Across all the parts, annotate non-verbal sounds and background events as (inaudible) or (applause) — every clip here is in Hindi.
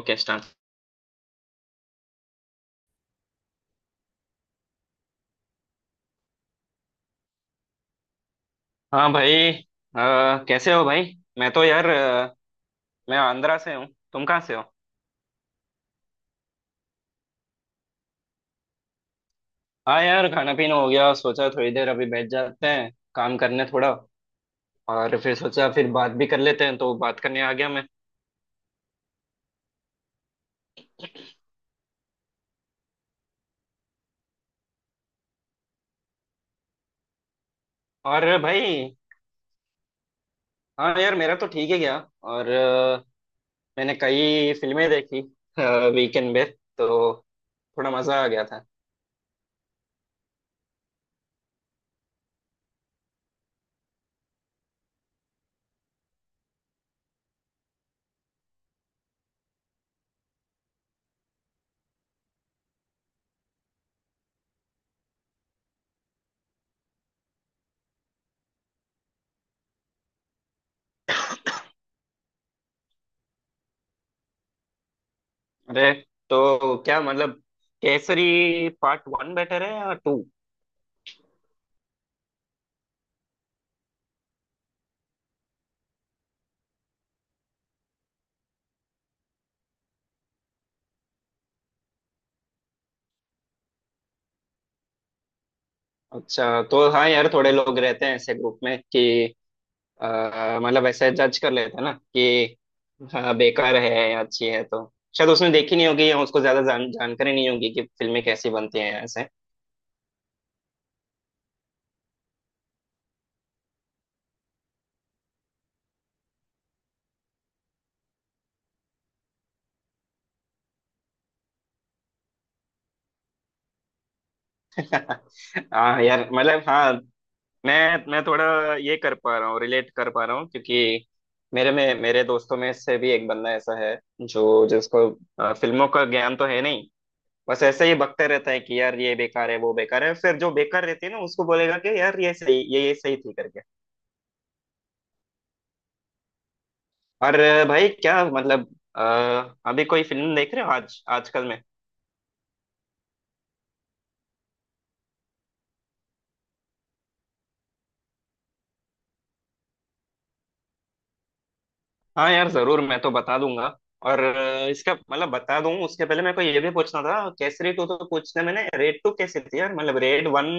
Okay start. हाँ भाई, कैसे हो भाई। मैं तो यार अ, मैं आंध्रा से हूँ। तुम कहाँ से हो? हाँ यार, खाना पीना हो गया, सोचा थोड़ी देर अभी बैठ जाते हैं काम करने थोड़ा, और फिर सोचा फिर बात भी कर लेते हैं तो बात करने आ गया मैं। और भाई, हाँ यार मेरा तो ठीक है गया। और मैंने कई फिल्में देखी वीकेंड में, तो थोड़ा मजा आ गया था। अरे, तो क्या मतलब, केसरी पार्ट वन बेटर है या टू? अच्छा, तो हाँ यार, थोड़े लोग रहते हैं ऐसे ग्रुप में कि अ, मतलब ऐसे जज कर लेते हैं ना कि हाँ बेकार है या अच्छी है। तो शायद उसने देखी नहीं होगी, या उसको ज्यादा जानकारी नहीं होगी कि फिल्में कैसी बनती हैं ऐसे। (laughs) हाँ यार मतलब, हाँ मैं थोड़ा ये कर पा रहा हूँ रिलेट कर पा रहा हूँ, क्योंकि मेरे दोस्तों में से भी एक बंदा ऐसा है जो जिसको फिल्मों का ज्ञान तो है नहीं, बस ऐसे ही बकते रहता है कि यार ये बेकार है वो बेकार है, फिर जो बेकार रहती है ना उसको बोलेगा कि यार ये सही ये सही थी करके। और भाई क्या मतलब, अ, अभी कोई फिल्म देख रहे हो आज आजकल में? हाँ यार जरूर, मैं तो बता दूंगा। और इसका मतलब बता दूं, उसके पहले मेरे को ये भी पूछना था, केसरी टू तो पूछना, मैंने रेड टू कैसी थी यार, मतलब रेड वन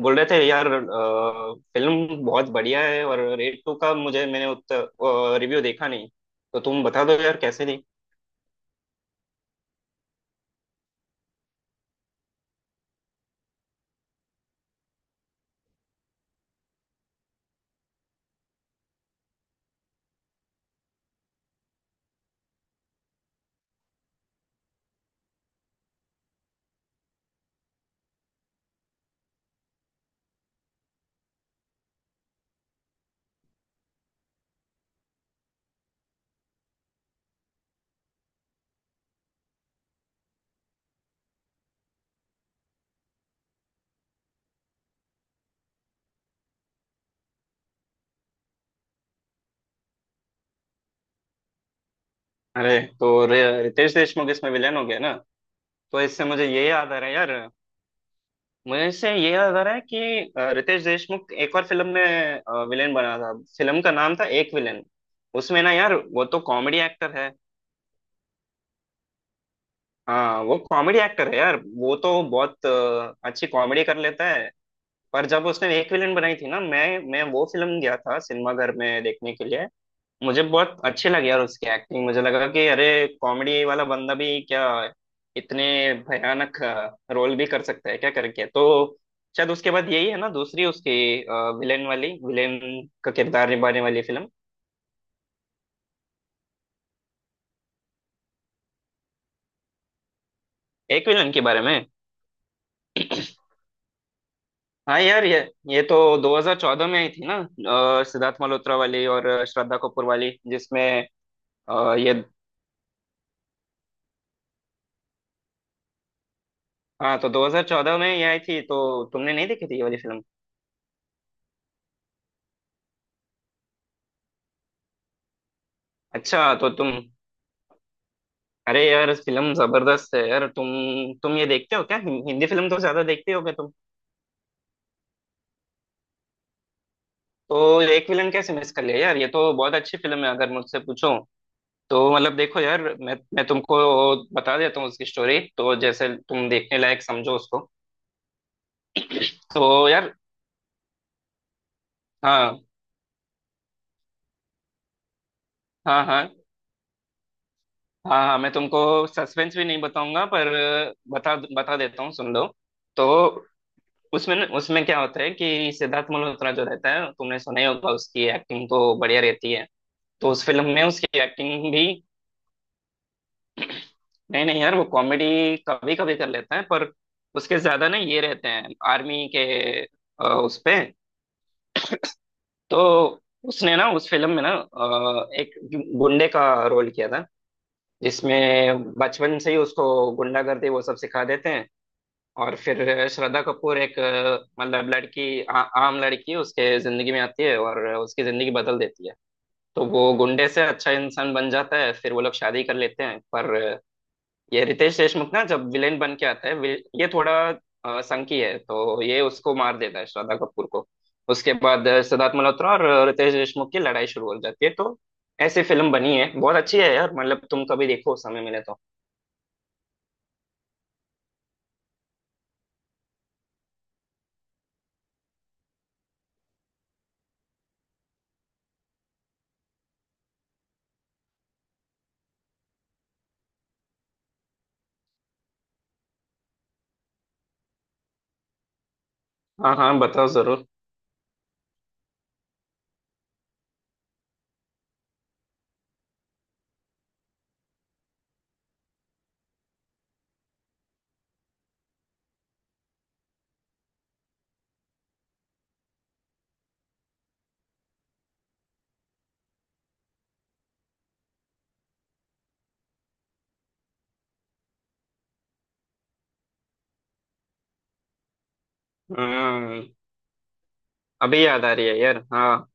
बोल रहे थे यार, फिल्म बहुत बढ़िया है, और रेड टू का मुझे मैंने उतना रिव्यू देखा नहीं, तो तुम बता दो यार कैसे थी। अरे, तो रितेश देशमुख इसमें विलेन हो गया ना। तो इससे मुझे ये याद आ रहा है यार, मुझे इससे ये याद आ रहा है कि अ, रितेश देशमुख एक और फिल्म में विलेन बना था। फिल्म का नाम था एक विलेन। उसमें ना यार, वो तो कॉमेडी एक्टर है। हाँ वो कॉमेडी एक्टर है यार, वो तो बहुत अच्छी कॉमेडी कर लेता है। पर जब उसने एक विलेन बनाई थी ना, मैं वो फिल्म गया था सिनेमा घर में देखने के लिए। मुझे बहुत अच्छी लगी यार उसकी एक्टिंग। मुझे लगा कि अरे, कॉमेडी वाला बंदा भी क्या इतने भयानक रोल भी कर सकता है क्या करके। तो शायद उसके बाद यही है ना दूसरी उसकी विलेन का किरदार निभाने वाली फिल्म। एक विलन के बारे में, हाँ यार ये तो 2014 में आई थी ना। सिद्धार्थ मल्होत्रा वाली और श्रद्धा कपूर वाली जिसमें। अ, ये हाँ तो 2014 में ये आई थी, तो तुमने नहीं देखी थी ये वाली फिल्म? अच्छा, तो तुम, अरे यार फिल्म जबरदस्त है यार। तुम ये देखते हो क्या, हिंदी फिल्म तो ज्यादा देखते होगे तुम। तो एक विलन कैसे मिस कर लिया यार? ये तो बहुत अच्छी फिल्म है अगर मुझसे पूछो तो। मतलब देखो यार, मैं तुमको बता देता हूँ उसकी स्टोरी, तो जैसे तुम देखने लायक समझो उसको। तो यार, हाँ हाँ हाँ, हाँ हाँ, मैं तुमको सस्पेंस भी नहीं बताऊंगा, पर बता बता देता हूँ, सुन लो। तो उसमें, उसमें क्या होता है कि सिद्धार्थ मल्होत्रा जो रहता है, तुमने सुना ही होगा उसकी एक्टिंग तो बढ़िया रहती है। तो उस फिल्म में उसकी एक्टिंग भी, नहीं नहीं यार वो कॉमेडी कभी कभी कर लेता है, पर उसके ज्यादा ना ये रहते हैं आर्मी के उस पे। तो उसने ना उस फिल्म में ना, एक गुंडे का रोल किया था, जिसमें बचपन से ही उसको गुंडागर्दी वो सब सिखा देते हैं। और फिर श्रद्धा कपूर, एक मतलब लड़की, आम लड़की उसके जिंदगी में आती है और उसकी जिंदगी बदल देती है। तो वो गुंडे से अच्छा इंसान बन जाता है, फिर वो लोग शादी कर लेते हैं। पर ये रितेश देशमुख ना जब विलेन बन के आता है, ये थोड़ा संकी है, तो ये उसको मार देता है, श्रद्धा कपूर को। उसके बाद सिद्धार्थ मल्होत्रा और रितेश देशमुख की लड़ाई शुरू हो जाती है। तो ऐसी फिल्म बनी है, बहुत अच्छी है यार, मतलब तुम कभी देखो समय मिले तो। हाँ हाँ, बताओ जरूर। हम्म। अभी याद आ रही है यार, हाँ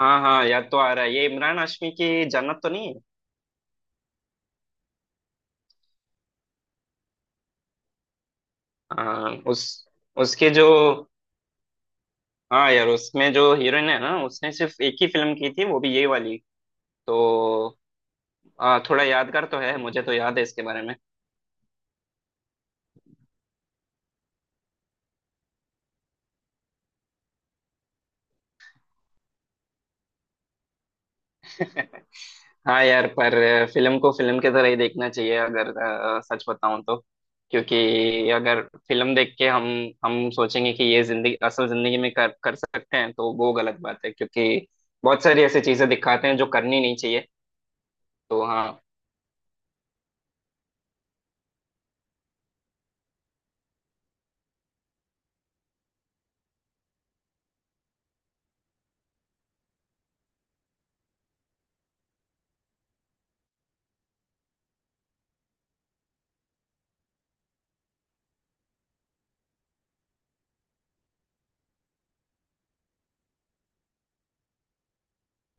हाँ हाँ, याद तो आ रहा है, ये इमरान हाशमी की जन्नत तो नहीं है? हाँ, उस उसके जो, हाँ यार उसमें जो हीरोइन है ना, उसने सिर्फ एक ही फिल्म की थी, वो भी ये वाली। तो थोड़ा यादगार तो है, मुझे तो याद है इसके बारे में। (laughs) हाँ यार, पर फिल्म को फिल्म की तरह ही देखना चाहिए, अगर सच बताऊं तो। क्योंकि अगर फिल्म देख के हम सोचेंगे कि ये जिंदगी असल जिंदगी में कर कर सकते हैं तो वो गलत बात है, क्योंकि बहुत सारी ऐसी चीजें दिखाते हैं जो करनी नहीं चाहिए। तो हाँ।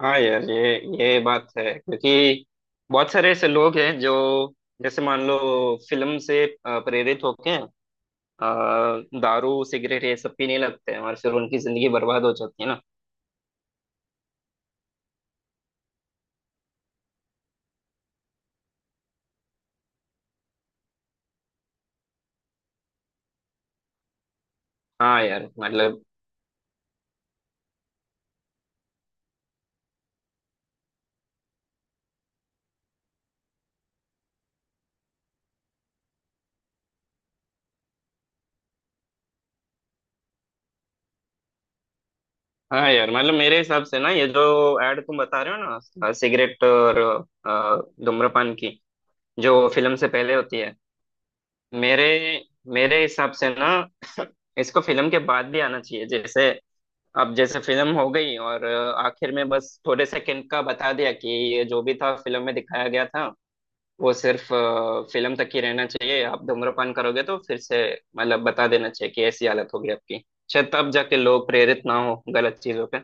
हाँ यार ये बात है, क्योंकि बहुत सारे ऐसे लोग हैं जो, जैसे मान लो, फिल्म से प्रेरित होके दारू सिगरेट ये सब पीने लगते हैं और फिर उनकी जिंदगी बर्बाद हो जाती है ना। हाँ यार मतलब। हाँ यार मतलब मेरे हिसाब से ना, ये जो ऐड तुम बता रहे हो ना, सिगरेट और धूम्रपान की, जो फिल्म से पहले होती है, मेरे मेरे हिसाब से ना (laughs) इसको फिल्म के बाद भी आना चाहिए। जैसे अब जैसे फिल्म हो गई और आखिर में बस थोड़े सेकंड का बता दिया कि ये जो भी था फिल्म में दिखाया गया था, वो सिर्फ फिल्म तक ही रहना चाहिए, आप धूम्रपान करोगे तो फिर से, मतलब बता देना चाहिए कि ऐसी हालत होगी आपकी, शायद तब जाके लोग प्रेरित ना हो गलत चीजों पे।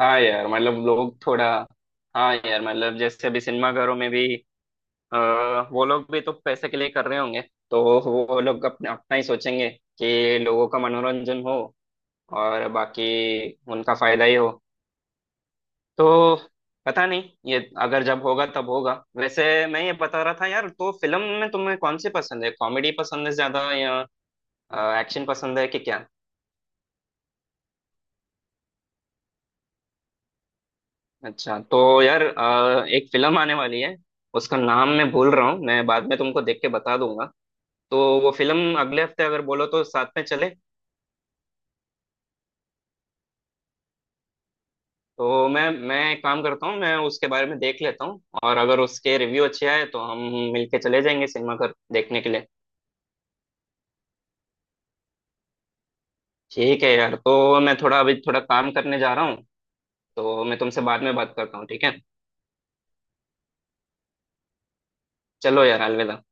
हाँ यार मतलब लोग थोड़ा, हाँ यार मतलब जैसे अभी सिनेमाघरों में भी अ, वो लोग भी तो पैसे के लिए कर रहे होंगे। तो वो लोग अपने अपना ही सोचेंगे कि लोगों का मनोरंजन हो और बाकी उनका फायदा ही हो। तो पता नहीं, ये अगर जब होगा तब होगा। वैसे मैं ये बता रहा था यार, तो फिल्म में तुम्हें कौन सी पसंद है, कॉमेडी पसंद है ज्यादा या एक्शन पसंद है कि क्या? अच्छा, तो यार एक फिल्म आने वाली है, उसका नाम मैं भूल रहा हूँ, मैं बाद में तुमको देख के बता दूंगा। तो वो फिल्म अगले हफ्ते अगर बोलो तो साथ में चले। तो मैं एक काम करता हूँ, मैं उसके बारे में देख लेता हूँ और अगर उसके रिव्यू अच्छे आए तो हम मिलके चले जाएंगे सिनेमा घर देखने के लिए। ठीक है यार, तो मैं थोड़ा काम करने जा रहा हूँ, तो मैं तुमसे बाद में बात करता हूँ, ठीक है। चलो यार, अलविदा।